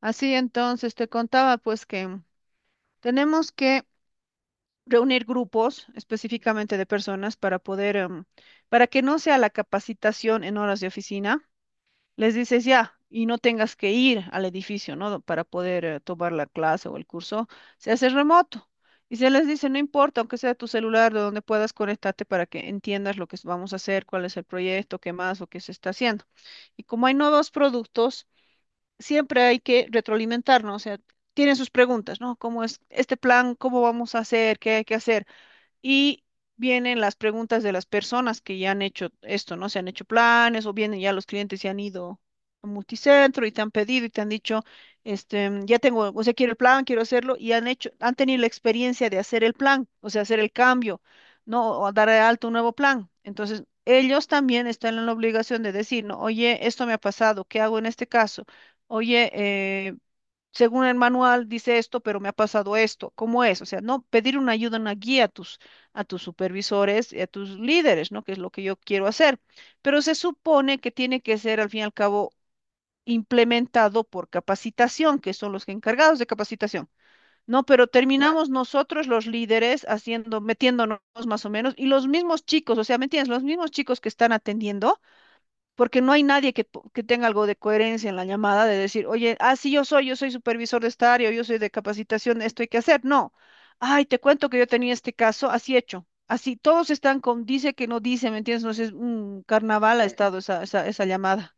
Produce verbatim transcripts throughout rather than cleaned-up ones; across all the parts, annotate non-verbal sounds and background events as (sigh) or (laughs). Así entonces, te contaba pues que mm, tenemos que reunir grupos específicamente de personas para poder, em, para que no sea la capacitación en horas de oficina. Les dices ya y no tengas que ir al edificio, ¿no? Para poder eh, tomar la clase o el curso. Se hace remoto. Y se les dice, no importa, aunque sea tu celular, de donde puedas conectarte para que entiendas lo que vamos a hacer, cuál es el proyecto, qué más o qué se está haciendo. Y como hay nuevos productos, siempre hay que retroalimentarnos, o sea, tienen sus preguntas, ¿no? ¿Cómo es este plan? ¿Cómo vamos a hacer? ¿Qué hay que hacer? Y vienen las preguntas de las personas que ya han hecho esto, ¿no? Se han hecho planes o vienen ya los clientes y han ido a multicentro y te han pedido y te han dicho, este, ya tengo, o sea, quiero el plan, quiero hacerlo y han hecho, han tenido la experiencia de hacer el plan, o sea, hacer el cambio, ¿no? O dar de alto un nuevo plan. Entonces, ellos también están en la obligación de decir, no, oye, esto me ha pasado, ¿qué hago en este caso? Oye, eh, según el manual dice esto, pero me ha pasado esto. ¿Cómo es? O sea, no pedir una ayuda, una guía a tus, a tus supervisores y a tus líderes, ¿no? Que es lo que yo quiero hacer. Pero se supone que tiene que ser, al fin y al cabo, implementado por capacitación, que son los encargados de capacitación. No, pero terminamos nosotros los líderes haciendo, metiéndonos más o menos, y los mismos chicos, o sea, ¿me entiendes? Los mismos chicos que están atendiendo porque no hay nadie que, po- que tenga algo de coherencia en la llamada de decir, oye, ah, sí, yo soy, yo soy supervisor de esta área, o yo soy de capacitación, esto hay que hacer. No. Ay, te cuento que yo tenía este caso, así hecho. Así, todos están con dice que no dice, ¿me entiendes? No sé, es un carnaval ha estado esa, esa, esa llamada.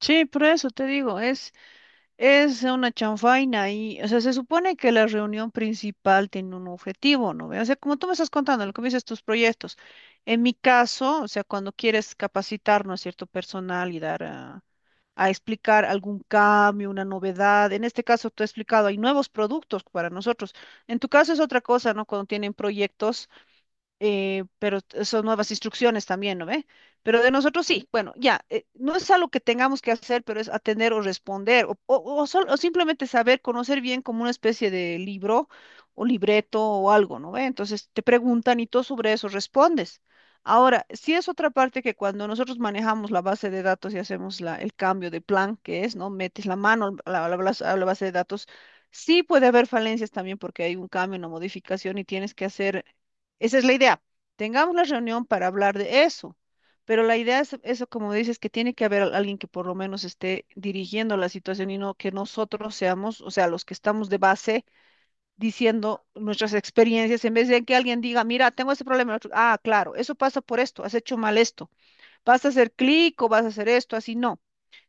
Sí, por eso te digo, es, es una chanfaina y, o sea, se supone que la reunión principal tiene un objetivo, ¿no? ve? O sea, como tú me estás contando, lo que me dices tus proyectos. En mi caso, o sea, cuando quieres capacitarnos a cierto personal y dar a, a explicar algún cambio, una novedad, en este caso tú has explicado, hay nuevos productos para nosotros. En tu caso es otra cosa, ¿no? Cuando tienen proyectos eh, pero t- son nuevas instrucciones también, ¿no ve? Pero de nosotros sí, bueno, ya, eh, no es algo que tengamos que hacer, pero es atender o responder, o, o, o sol- o simplemente saber, conocer bien como una especie de libro o libreto o algo, ¿no ve? Entonces te preguntan y tú sobre eso respondes. Ahora, sí es otra parte que cuando nosotros manejamos la base de datos y hacemos la, el cambio de plan, que es, ¿no? Metes la mano a la, a la a la base de datos, sí puede haber falencias también porque hay un cambio, una modificación y tienes que hacer esa es la idea. Tengamos la reunión para hablar de eso, pero la idea es eso, como dices, que tiene que haber al- alguien que por lo menos esté dirigiendo la situación y no que nosotros seamos, o sea, los que estamos de base diciendo nuestras experiencias en vez de que alguien diga, mira, tengo este problema. El otro, ah, claro, eso pasa por esto, has hecho mal esto vas a hacer clic o vas a hacer esto, así no,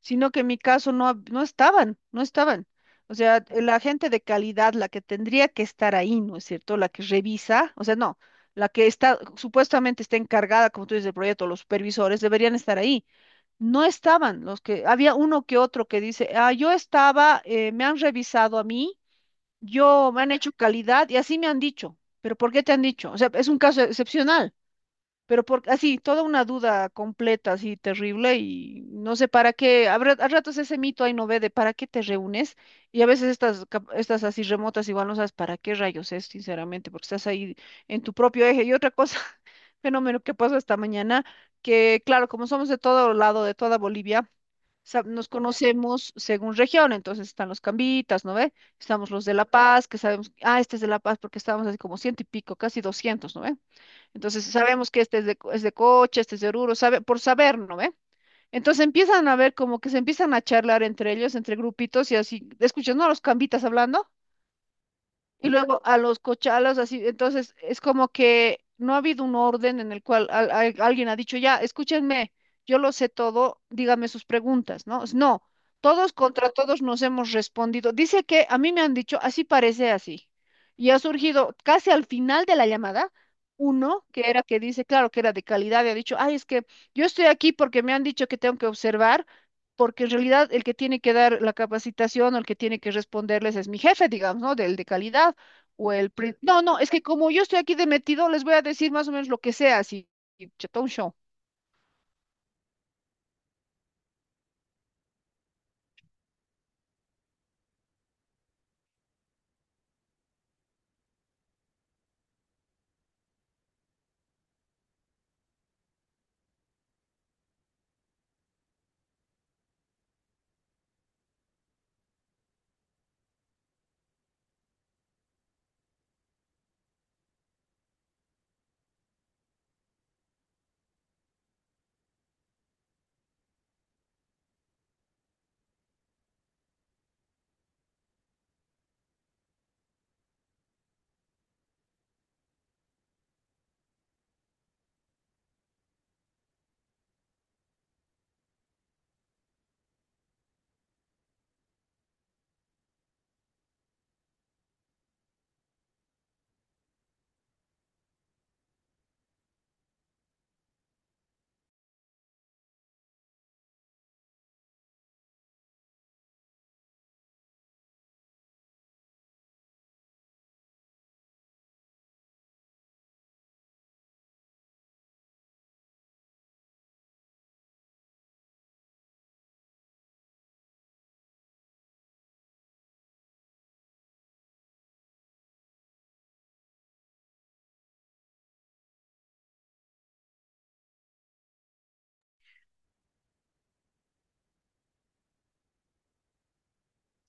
sino que en mi caso no, hab- no estaban, no estaban. O sea, eh, la gente de calidad, la que tendría que estar ahí, ¿no es cierto? La que revisa, o sea, no, la que está supuestamente está encargada, como tú dices, del proyecto, los supervisores, deberían estar ahí. No estaban los que, había uno que otro que dice, ah, yo estaba, eh, me han revisado a mí, yo me han hecho calidad y así me han dicho. Pero ¿por qué te han dicho? O sea, es un caso excepcional. Pero por, así, toda una duda completa, así terrible, y no sé para qué, a, ra- a ratos ese mito ahí no ve de para qué te reúnes, y a veces estas, cap- estas así remotas igual no sabes para qué rayos es, sinceramente, porque estás ahí en tu propio eje. Y otra cosa, (laughs) fenómeno que pasó esta mañana, que claro, como somos de todo lado, de toda Bolivia, sab- nos conocemos según región, entonces están los cambitas, ¿no ve? Estamos los de La Paz, que sabemos, ah, este es de La Paz, porque estábamos así como ciento y pico, casi doscientos, ¿no ve? Entonces sabemos que este es de, co- es de Cocha, este es de Oruro, sabe, por saber, ¿no ve? Entonces empiezan a ver como que se empiezan a charlar entre ellos, entre grupitos y así, escuchas, ¿no? A los cambitas hablando. Y luego a los cochalos, así, entonces es como que no ha habido un orden en el cual al- al- alguien ha dicho, ya, escúchenme, yo lo sé todo, dígame sus preguntas, ¿no? Es- No, todos contra todos nos hemos respondido. Dice que a mí me han dicho, así parece así. Y ha surgido casi al final de la llamada uno que era que dice, claro, que era de calidad, y ha dicho, ay, es que yo estoy aquí porque me han dicho que tengo que observar. Porque en realidad el que tiene que dar la capacitación o el que tiene que responderles es mi jefe, digamos, ¿no? Del de calidad o el prin- no, no, es que como yo estoy aquí de metido, les voy a decir más o menos lo que sea, así, y chatón show.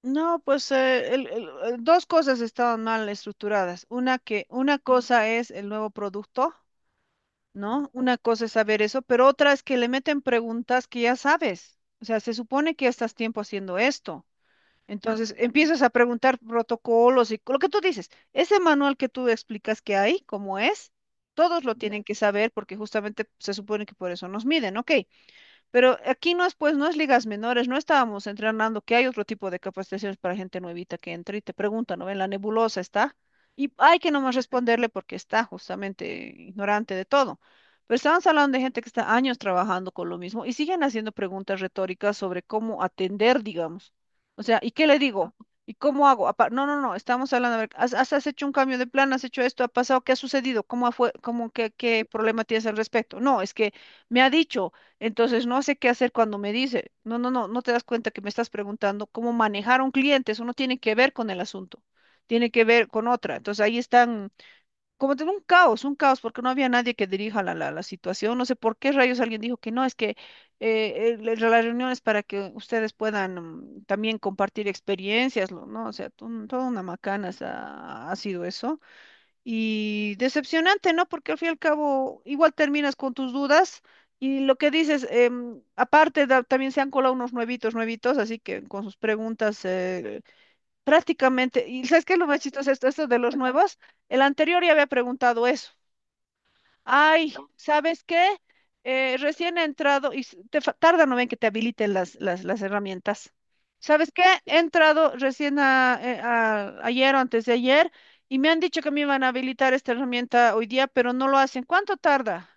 No, pues eh, el- el- el- dos cosas estaban mal estructuradas. Una que una cosa es el nuevo producto, ¿no? Una cosa es saber eso, pero otra es que le meten preguntas que ya sabes. O sea, se supone que ya estás tiempo haciendo esto. Entonces empiezas a preguntar protocolos y lo que tú dices, ese manual que tú explicas que hay, cómo es, todos lo tienen que saber porque justamente se supone que por eso nos miden, ¿ok? Pero aquí no es, pues, no es ligas menores, no estábamos entrenando, que hay otro tipo de capacitaciones para gente nuevita que entra y te pregunta, ¿no? En la nebulosa está. Y hay que nomás responderle porque está justamente ignorante de todo. Pero estamos hablando de gente que está años trabajando con lo mismo y siguen haciendo preguntas retóricas sobre cómo atender, digamos. O sea, ¿y qué le digo? ¿Y cómo hago? Apa- No, no, no, estamos hablando, a ver, has, has- has hecho un cambio de plan, has hecho esto, ha pasado, ¿qué ha sucedido? ¿Cómo fue, cómo, qué, qué problema tienes al respecto? No, es que me ha dicho. Entonces no sé qué hacer cuando me dice, no, no, no, no te das cuenta que me estás preguntando cómo manejar a un cliente, eso no tiene que ver con el asunto, tiene que ver con otra. Entonces ahí están, como tengo un caos, un caos, porque no había nadie que dirija la, la, la situación, no sé por qué rayos alguien dijo que no, es que eh, el- el- la reunión es para que ustedes puedan mm, también compartir experiencias, lo- ¿no? O sea, to- toda una macana esa- ha sido eso. Y decepcionante, ¿no? Porque al fin y al cabo igual terminas con tus dudas y lo que dices, em, aparte da- también se han colado unos nuevitos, nuevitos, así que con sus preguntas eh, prácticamente, y ¿sabes qué es lo más chistoso? Esto, esto de los nuevos, el anterior ya había preguntado eso. Ay, ¿sabes qué? Eh, recién he entrado y s- te fa- tarda, no ven que te habiliten las, las, las herramientas. ¿Sabes qué? He entrado recién a- eh, a- ayer o antes de ayer y me han dicho que me iban a habilitar esta herramienta hoy día, pero no lo hacen. ¿Cuánto tarda?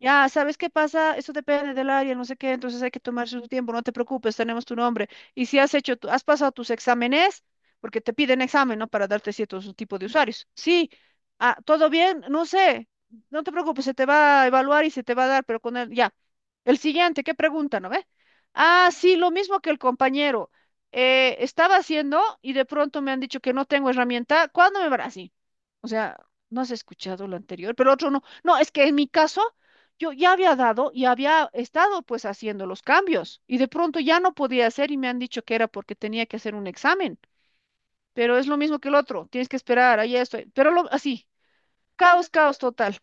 Ya, ¿sabes qué pasa? Eso depende del área, no sé qué, entonces hay que tomarse su tiempo, no te preocupes, tenemos tu nombre. Y si has hecho, tu- has pasado tus exámenes, porque te piden examen, ¿no? Para darte ciertos tipos de usuarios. Sí, ah, ¿todo bien? No sé, no te preocupes, se te va a evaluar y se te va a dar, pero con el ya. El siguiente, ¿qué pregunta, no ve? Ah, sí, lo mismo que el compañero. eh, estaba haciendo y de pronto me han dicho que no tengo herramienta, ¿cuándo me verás? O sea, no has escuchado lo anterior, pero otro no. No, es que en mi caso, yo ya había dado y había estado pues haciendo los cambios y de pronto ya no podía hacer y me han dicho que era porque tenía que hacer un examen, pero es lo mismo que el otro, tienes que esperar, ahí estoy, pero lo- así, caos, caos total.